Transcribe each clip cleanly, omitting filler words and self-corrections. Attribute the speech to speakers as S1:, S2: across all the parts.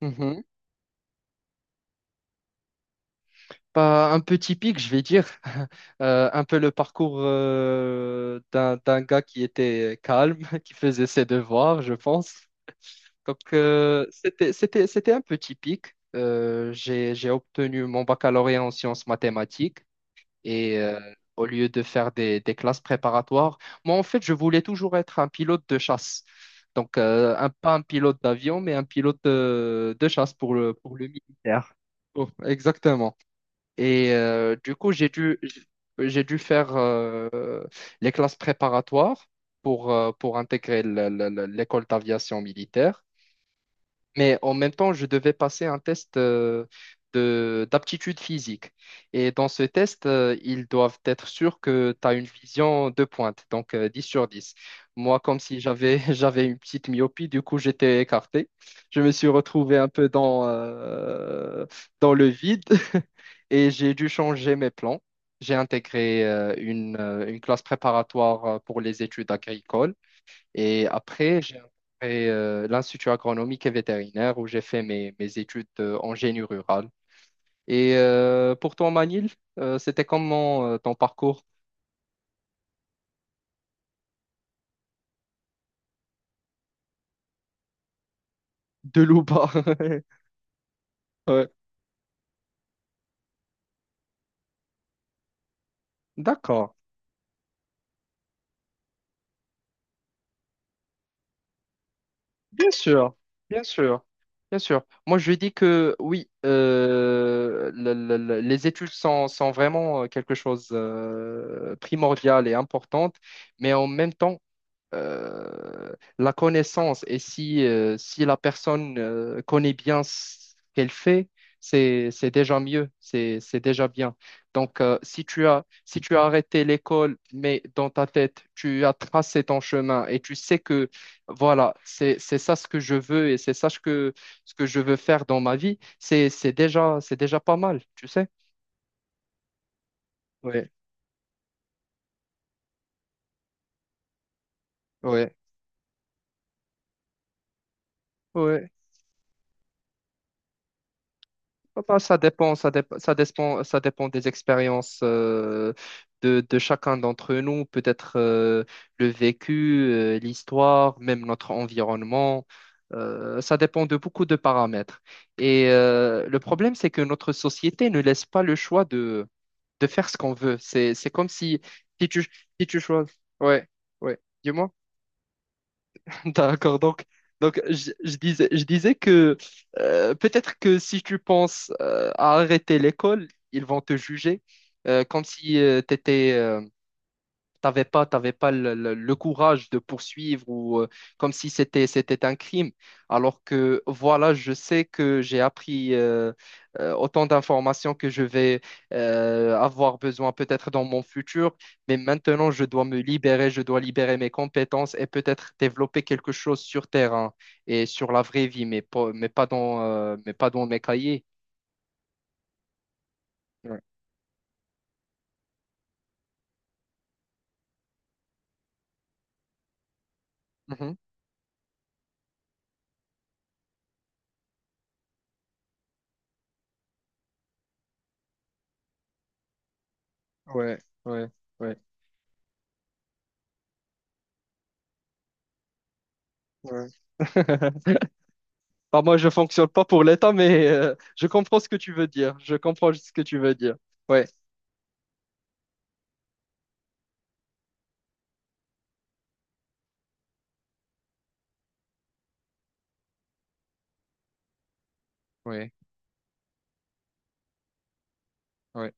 S1: Mhm. Bah, un peu typique, je vais dire. Un peu le parcours d'un gars qui était calme, qui faisait ses devoirs, je pense. Donc, c'était un peu typique. J'ai obtenu mon baccalauréat en sciences mathématiques. Et au lieu de faire des classes préparatoires, moi, en fait, je voulais toujours être un pilote de chasse. Donc, un, pas un pilote d'avion, mais un pilote de chasse pour pour le militaire. Oh, exactement. Et du coup, j'ai dû faire les classes préparatoires pour intégrer l'école d'aviation militaire. Mais en même temps, je devais passer un test de d'aptitude physique. Et dans ce test, ils doivent être sûrs que tu as une vision de pointe, donc 10 sur 10. Moi, comme si j'avais j'avais une petite myopie, du coup, j'étais écarté. Je me suis retrouvé un peu dans, dans le vide et j'ai dû changer mes plans. J'ai intégré une classe préparatoire pour les études agricoles. Et après, j'ai intégré l'Institut agronomique et vétérinaire où j'ai fait mes études en génie rural. Et pour toi, Manil, c'était comment ton parcours de loup-bas? Ouais. D'accord. Bien sûr, bien sûr, bien sûr. Moi, je dis que oui, les études sont, sont vraiment quelque chose primordial et importante, mais en même temps, euh, la connaissance et si, si la personne connaît bien ce qu'elle fait, c'est déjà mieux, c'est déjà bien. Donc, si tu as, si tu as arrêté l'école, mais dans ta tête, tu as tracé ton chemin et tu sais que, voilà, c'est ça ce que je veux et c'est ça ce que je veux faire dans ma vie, c'est déjà pas mal, tu sais? Oui, oui, oui. Ah bah, ça dépend des expériences de chacun d'entre nous, peut-être le vécu, l'histoire, même notre environnement. Ça dépend de beaucoup de paramètres. Et le problème, c'est que notre société ne laisse pas le choix de faire ce qu'on veut. C'est comme si, si tu, si tu choisis. Ouais, ouais. Dis-moi. D'accord. Donc, je disais que peut-être que si tu penses à arrêter l'école, ils vont te juger comme si tu étais t'avais pas le courage de poursuivre ou comme si c'était un crime. Alors que voilà, je sais que j'ai appris autant d'informations que je vais avoir besoin peut-être dans mon futur, mais maintenant je dois me libérer, je dois libérer mes compétences et peut-être développer quelque chose sur terrain et sur la vraie vie, mais pas, mais pas dans mes cahiers. Ouais. Mhm. Ouais, ouais, ouais. Ouais. Bah, moi, je fonctionne pas pour l'État, mais je comprends ce que tu veux dire. Je comprends ce que tu veux dire. Ouais. Oui, oui,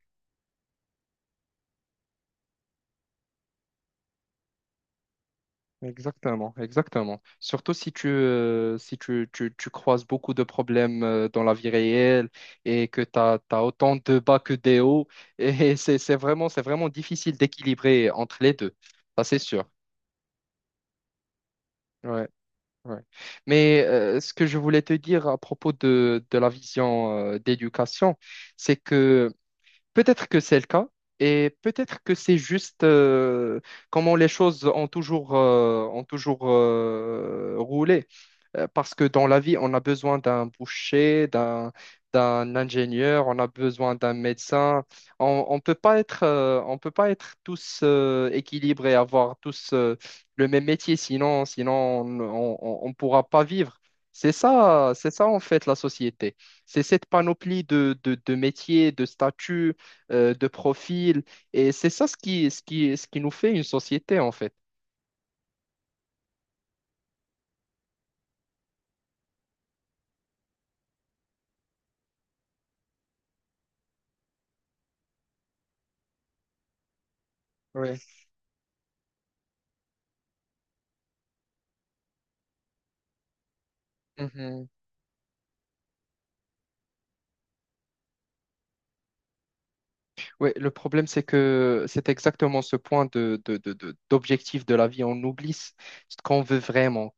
S1: exactement, exactement. Surtout si tu, tu croises beaucoup de problèmes dans la vie réelle et que tu as, autant de bas que des hauts. Et c'est vraiment difficile d'équilibrer entre les deux. Ça, c'est sûr. Ouais, ouais. Mais ce que je voulais te dire à propos de la vision d'éducation, c'est que peut-être que c'est le cas et peut-être que c'est juste comment les choses ont toujours, roulé. Parce que dans la vie, on a besoin d'un boucher, d'un ingénieur, on a besoin d'un médecin. On peut pas être, on peut pas être tous équilibrés, avoir tous le même métier, sinon on pourra pas vivre. C'est ça en fait la société. C'est cette panoplie de métiers, de statuts de profil. Et c'est ça ce qui nous fait une société, en fait. Oui. Mhm. Oui, le problème, c'est que c'est exactement ce point d'objectif de la vie. On oublie ce ce qu'on veut vraiment,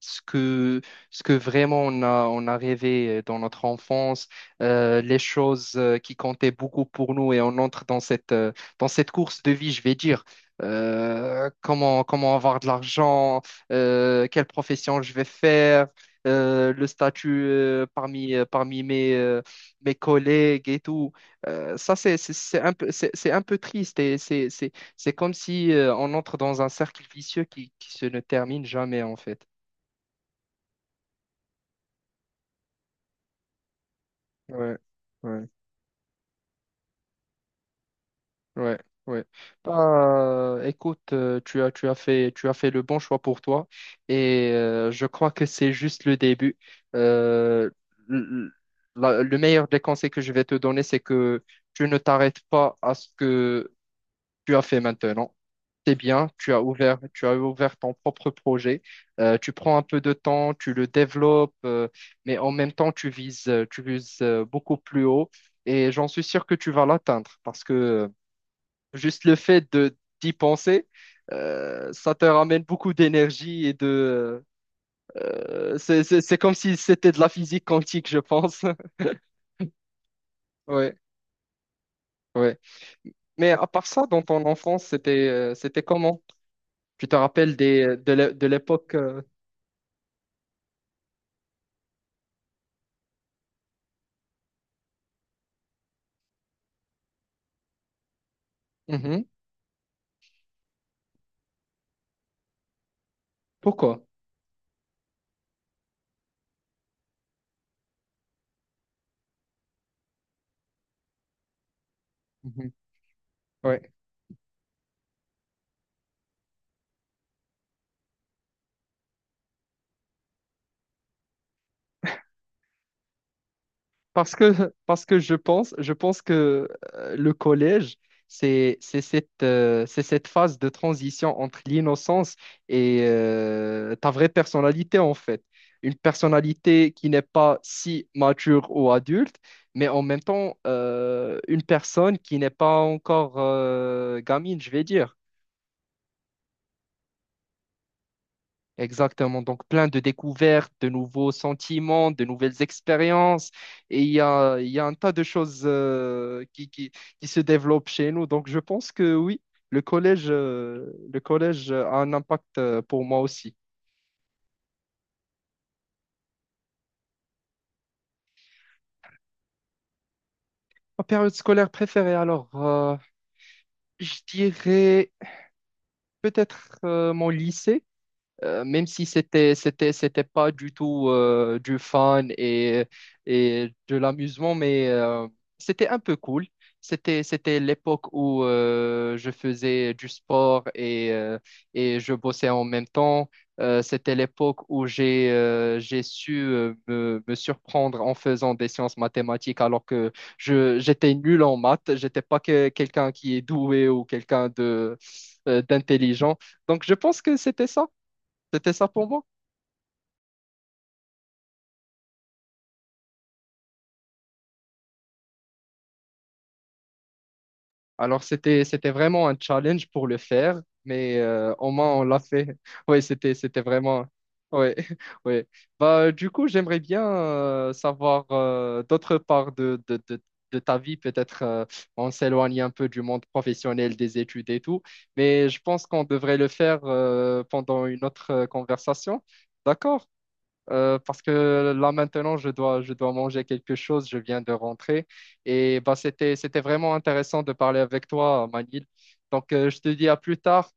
S1: ce que, ce que vraiment on a rêvé dans notre enfance, les choses qui comptaient beaucoup pour nous et on entre dans dans cette course de vie, je vais dire. Comment avoir de l'argent, quelle profession je vais faire, le statut parmi mes, mes collègues et tout. Ça, c'est un peu, c'est un peu triste et c'est comme si on entre dans un cercle vicieux qui se ne termine jamais en fait. Ouais, ouais, ouais, ouais. Bah, écoute, tu as fait le bon choix pour toi et je crois que c'est juste le début. Euh, l- le meilleur des conseils que je vais te donner, c'est que tu ne t'arrêtes pas à ce que tu as fait maintenant. C'est bien, tu as ouvert ton propre projet. Tu prends un peu de temps, tu le développes, mais en même temps, tu vises beaucoup plus haut et j'en suis sûr que tu vas l'atteindre parce que juste le fait de d'y penser, ça te ramène beaucoup d'énergie et de... c'est comme si c'était de la physique quantique, je pense. Ouais, ouais. Mais à part ça, dans ton enfance, c'était comment? Tu te rappelles des, de l'époque Pourquoi? Mhm. Ouais. Parce que je pense que le collège, c'est cette phase de transition entre l'innocence et ta vraie personnalité, en fait. Une personnalité qui n'est pas si mature ou adulte, mais en même temps, une personne qui n'est pas encore gamine, je vais dire. Exactement. Donc, plein de découvertes, de nouveaux sentiments, de nouvelles expériences. Et il y a un tas de choses qui se développent chez nous. Donc, je pense que oui, le collège a un impact pour moi aussi. Ma période scolaire préférée, alors, je dirais peut-être mon lycée. Même si c'était pas du tout du fun et de l'amusement mais c'était un peu cool, c'était l'époque où je faisais du sport et je bossais en même temps. C'était l'époque où j'ai su me surprendre en faisant des sciences mathématiques alors que je j'étais nul en maths, j'étais pas que- quelqu'un qui est doué ou quelqu'un de d'intelligent, donc je pense que c'était ça pour moi. Alors, c'était vraiment un challenge pour le faire, mais au moins, on l'a fait. Oui, c'était vraiment... Oui, oui. Bah, du coup, j'aimerais bien savoir d'autre part de ta vie. Peut-être on s'éloigne un peu du monde professionnel, des études et tout, mais je pense qu'on devrait le faire pendant une autre conversation. D'accord? Parce que là maintenant, je dois manger quelque chose, je viens de rentrer. Et bah, c'était vraiment intéressant de parler avec toi, Manil. Donc, je te dis à plus tard.